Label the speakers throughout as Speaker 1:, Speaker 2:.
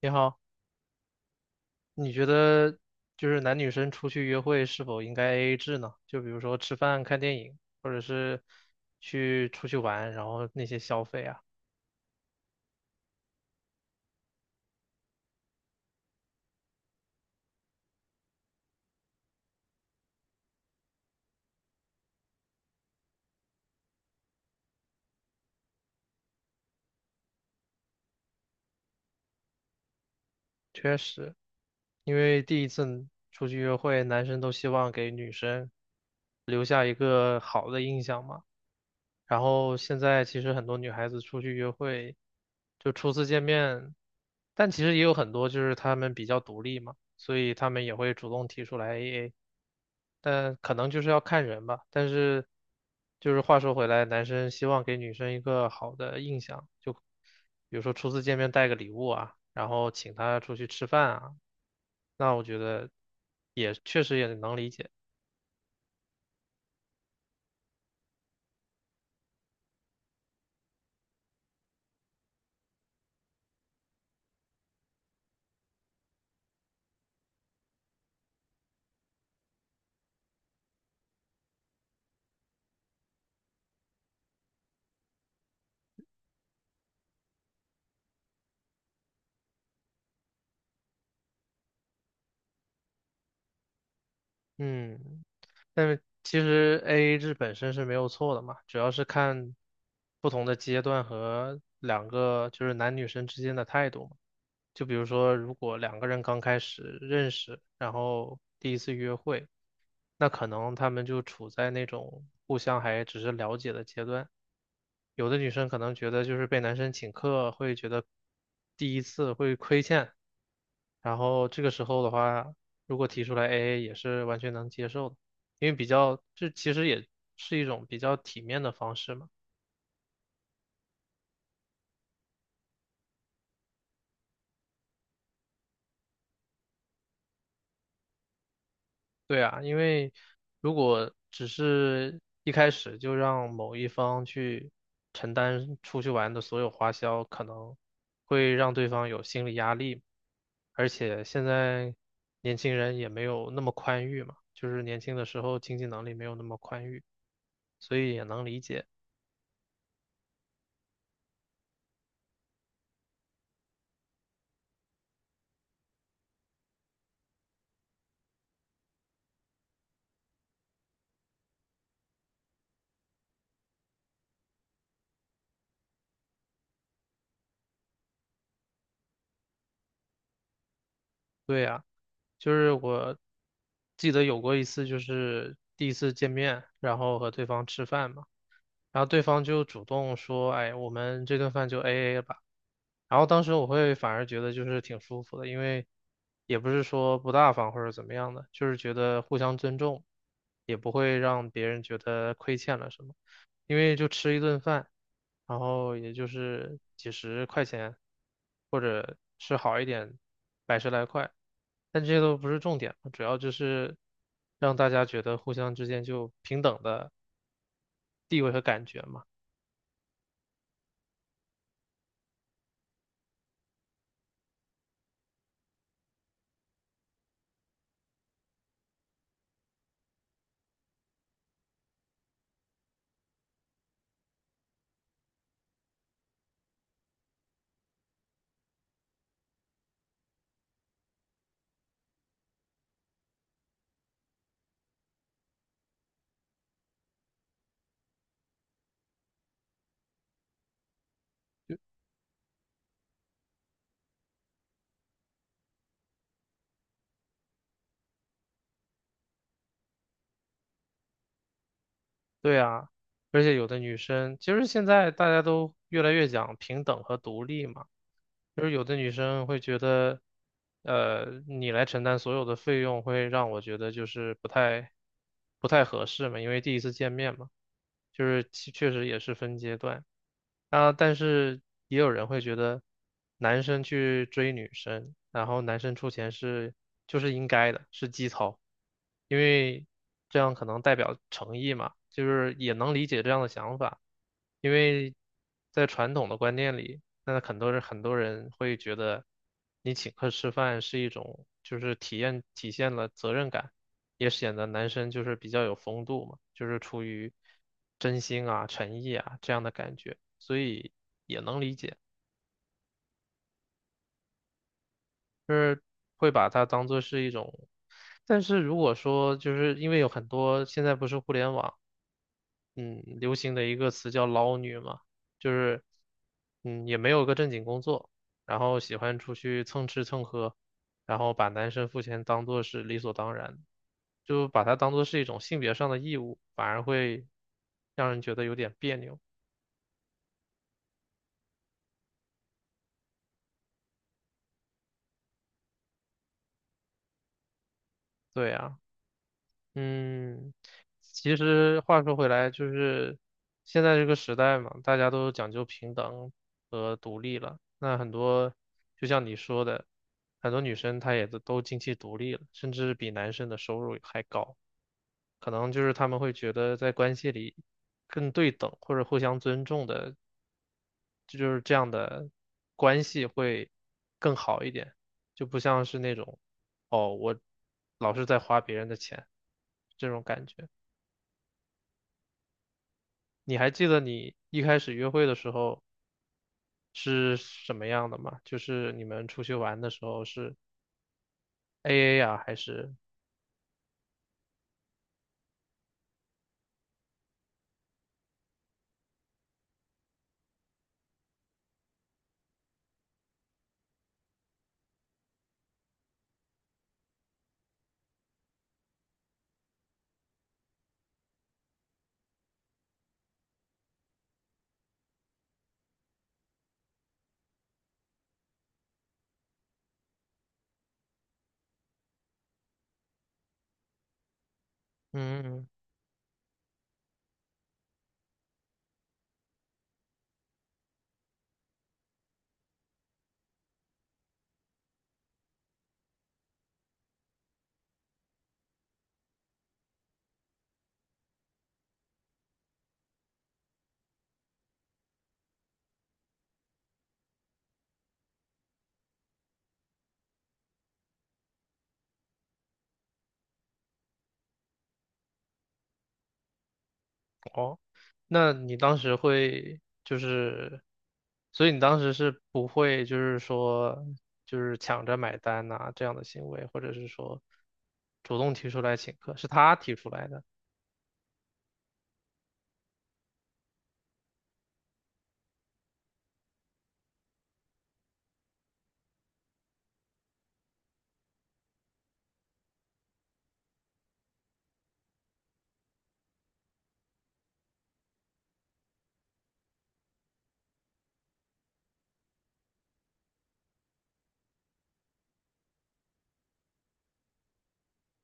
Speaker 1: 你好，你觉得就是男女生出去约会是否应该 AA 制呢？就比如说吃饭、看电影，或者是出去玩，然后那些消费啊，确实，因为第一次出去约会，男生都希望给女生留下一个好的印象嘛。然后现在其实很多女孩子出去约会，就初次见面，但其实也有很多就是她们比较独立嘛，所以她们也会主动提出来 AA。但可能就是要看人吧。但是，就是话说回来，男生希望给女生一个好的印象，就比如说初次见面带个礼物啊，然后请她出去吃饭啊，那我觉得也确实也能理解。嗯，但是其实 AA 制本身是没有错的嘛，主要是看不同的阶段和两个就是男女生之间的态度嘛。就比如说，如果两个人刚开始认识，然后第一次约会，那可能他们就处在那种互相还只是了解的阶段。有的女生可能觉得就是被男生请客会觉得第一次会亏欠，然后这个时候的话，如果提出来 AA 也是完全能接受的，因为比较，这其实也是一种比较体面的方式嘛。对啊，因为如果只是一开始就让某一方去承担出去玩的所有花销，可能会让对方有心理压力。而且现在年轻人也没有那么宽裕嘛，就是年轻的时候经济能力没有那么宽裕，所以也能理解。对啊。就是我记得有过一次，就是第一次见面，然后和对方吃饭嘛。然后对方就主动说，哎，我们这顿饭就 AA 吧。然后当时我会反而觉得就是挺舒服的，因为也不是说不大方或者怎么样的，就是觉得互相尊重，也不会让别人觉得亏欠了什么。因为就吃一顿饭，然后也就是几十块钱，或者吃好一点，百十来块，但这些都不是重点嘛。主要就是让大家觉得互相之间就平等的地位和感觉嘛。对啊，而且有的女生，其实现在大家都越来越讲平等和独立嘛。就是有的女生会觉得，你来承担所有的费用，会让我觉得就是不太合适嘛，因为第一次见面嘛，就是其确实也是分阶段。啊，但是也有人会觉得，男生去追女生，然后男生出钱是就是应该的，是基操，因为这样可能代表诚意嘛，就是也能理解这样的想法，因为在传统的观念里。那很多人会觉得，你请客吃饭是一种，就是体现了责任感，也显得男生就是比较有风度嘛，就是出于真心啊、诚意啊这样的感觉，所以也能理解，就是会把它当做是一种。但是如果说就是因为有很多现在不是互联网。嗯流行的一个词叫"捞女"嘛，就是也没有个正经工作，然后喜欢出去蹭吃蹭喝，然后把男生付钱当做是理所当然的，就把它当做是一种性别上的义务，反而会让人觉得有点别扭。对啊。嗯，其实话说回来，就是现在这个时代嘛，大家都讲究平等和独立了。那很多，就像你说的，很多女生她也都经济独立了，甚至比男生的收入还高。可能就是他们会觉得在关系里更对等或者互相尊重的，这就是这样的关系会更好一点，就不像是那种，哦，我老是在花别人的钱这种感觉。你还记得你一开始约会的时候是什么样的吗？就是你们出去玩的时候是 AA 啊，还是嗯哦？那你当时会就是，所以你当时是不会就是说就是抢着买单呐、这样的行为，或者是说主动提出来请客，是他提出来的。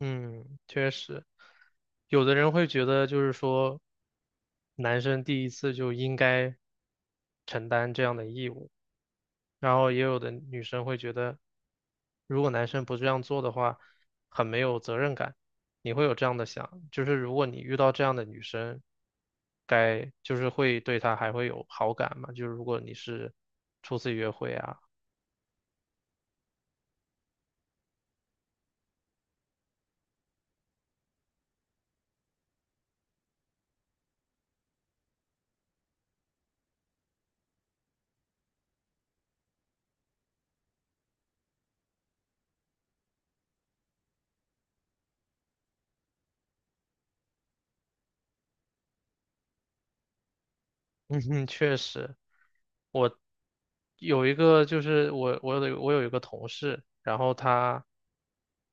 Speaker 1: 嗯，确实，有的人会觉得就是说，男生第一次就应该承担这样的义务，然后也有的女生会觉得，如果男生不这样做的话，很没有责任感。你会有这样的想，就是如果你遇到这样的女生，该就是会对她还会有好感嘛？就是如果你是初次约会啊，嗯哼，确实。我有一个就是我有一个同事，然后他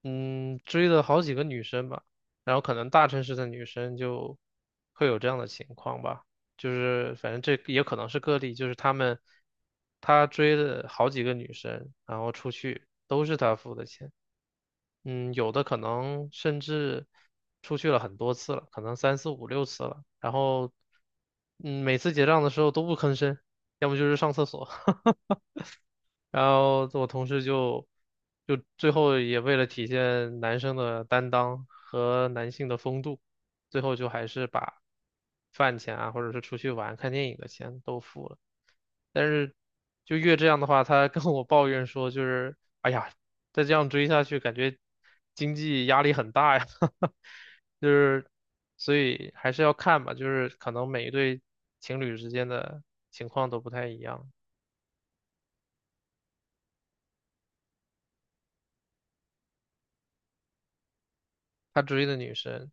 Speaker 1: 追了好几个女生吧，然后可能大城市的女生就会有这样的情况吧，就是反正这也可能是个例，就是他追了好几个女生，然后出去都是他付的钱。嗯，有的可能甚至出去了很多次了，可能三四五六次了，然后每次结账的时候都不吭声，要么就是上厕所。然后我同事就最后也为了体现男生的担当和男性的风度，最后就还是把饭钱啊，或者是出去玩看电影的钱都付了。但是就越这样的话，他跟我抱怨说，就是哎呀，再这样追下去，感觉经济压力很大呀，就是所以还是要看吧，就是可能每一对情侣之间的情况都不太一样。他追的女生。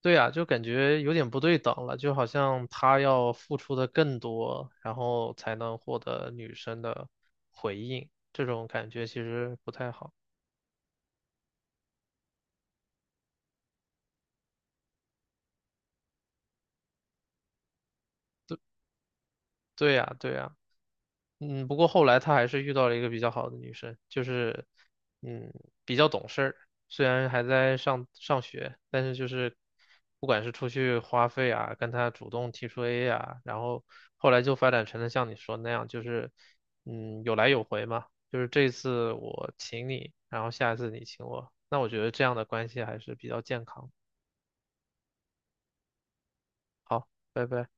Speaker 1: 对呀，就感觉有点不对等了，就好像他要付出的更多，然后才能获得女生的回应，这种感觉其实不太好。对呀，对呀。嗯，不过后来他还是遇到了一个比较好的女生，就是，嗯，比较懂事儿。虽然还在上学，但是就是不管是出去花费啊，跟他主动提出 A 啊，然后后来就发展成了像你说那样，就是嗯有来有回嘛，就是这次我请你，然后下一次你请我，那我觉得这样的关系还是比较健康。好，拜拜。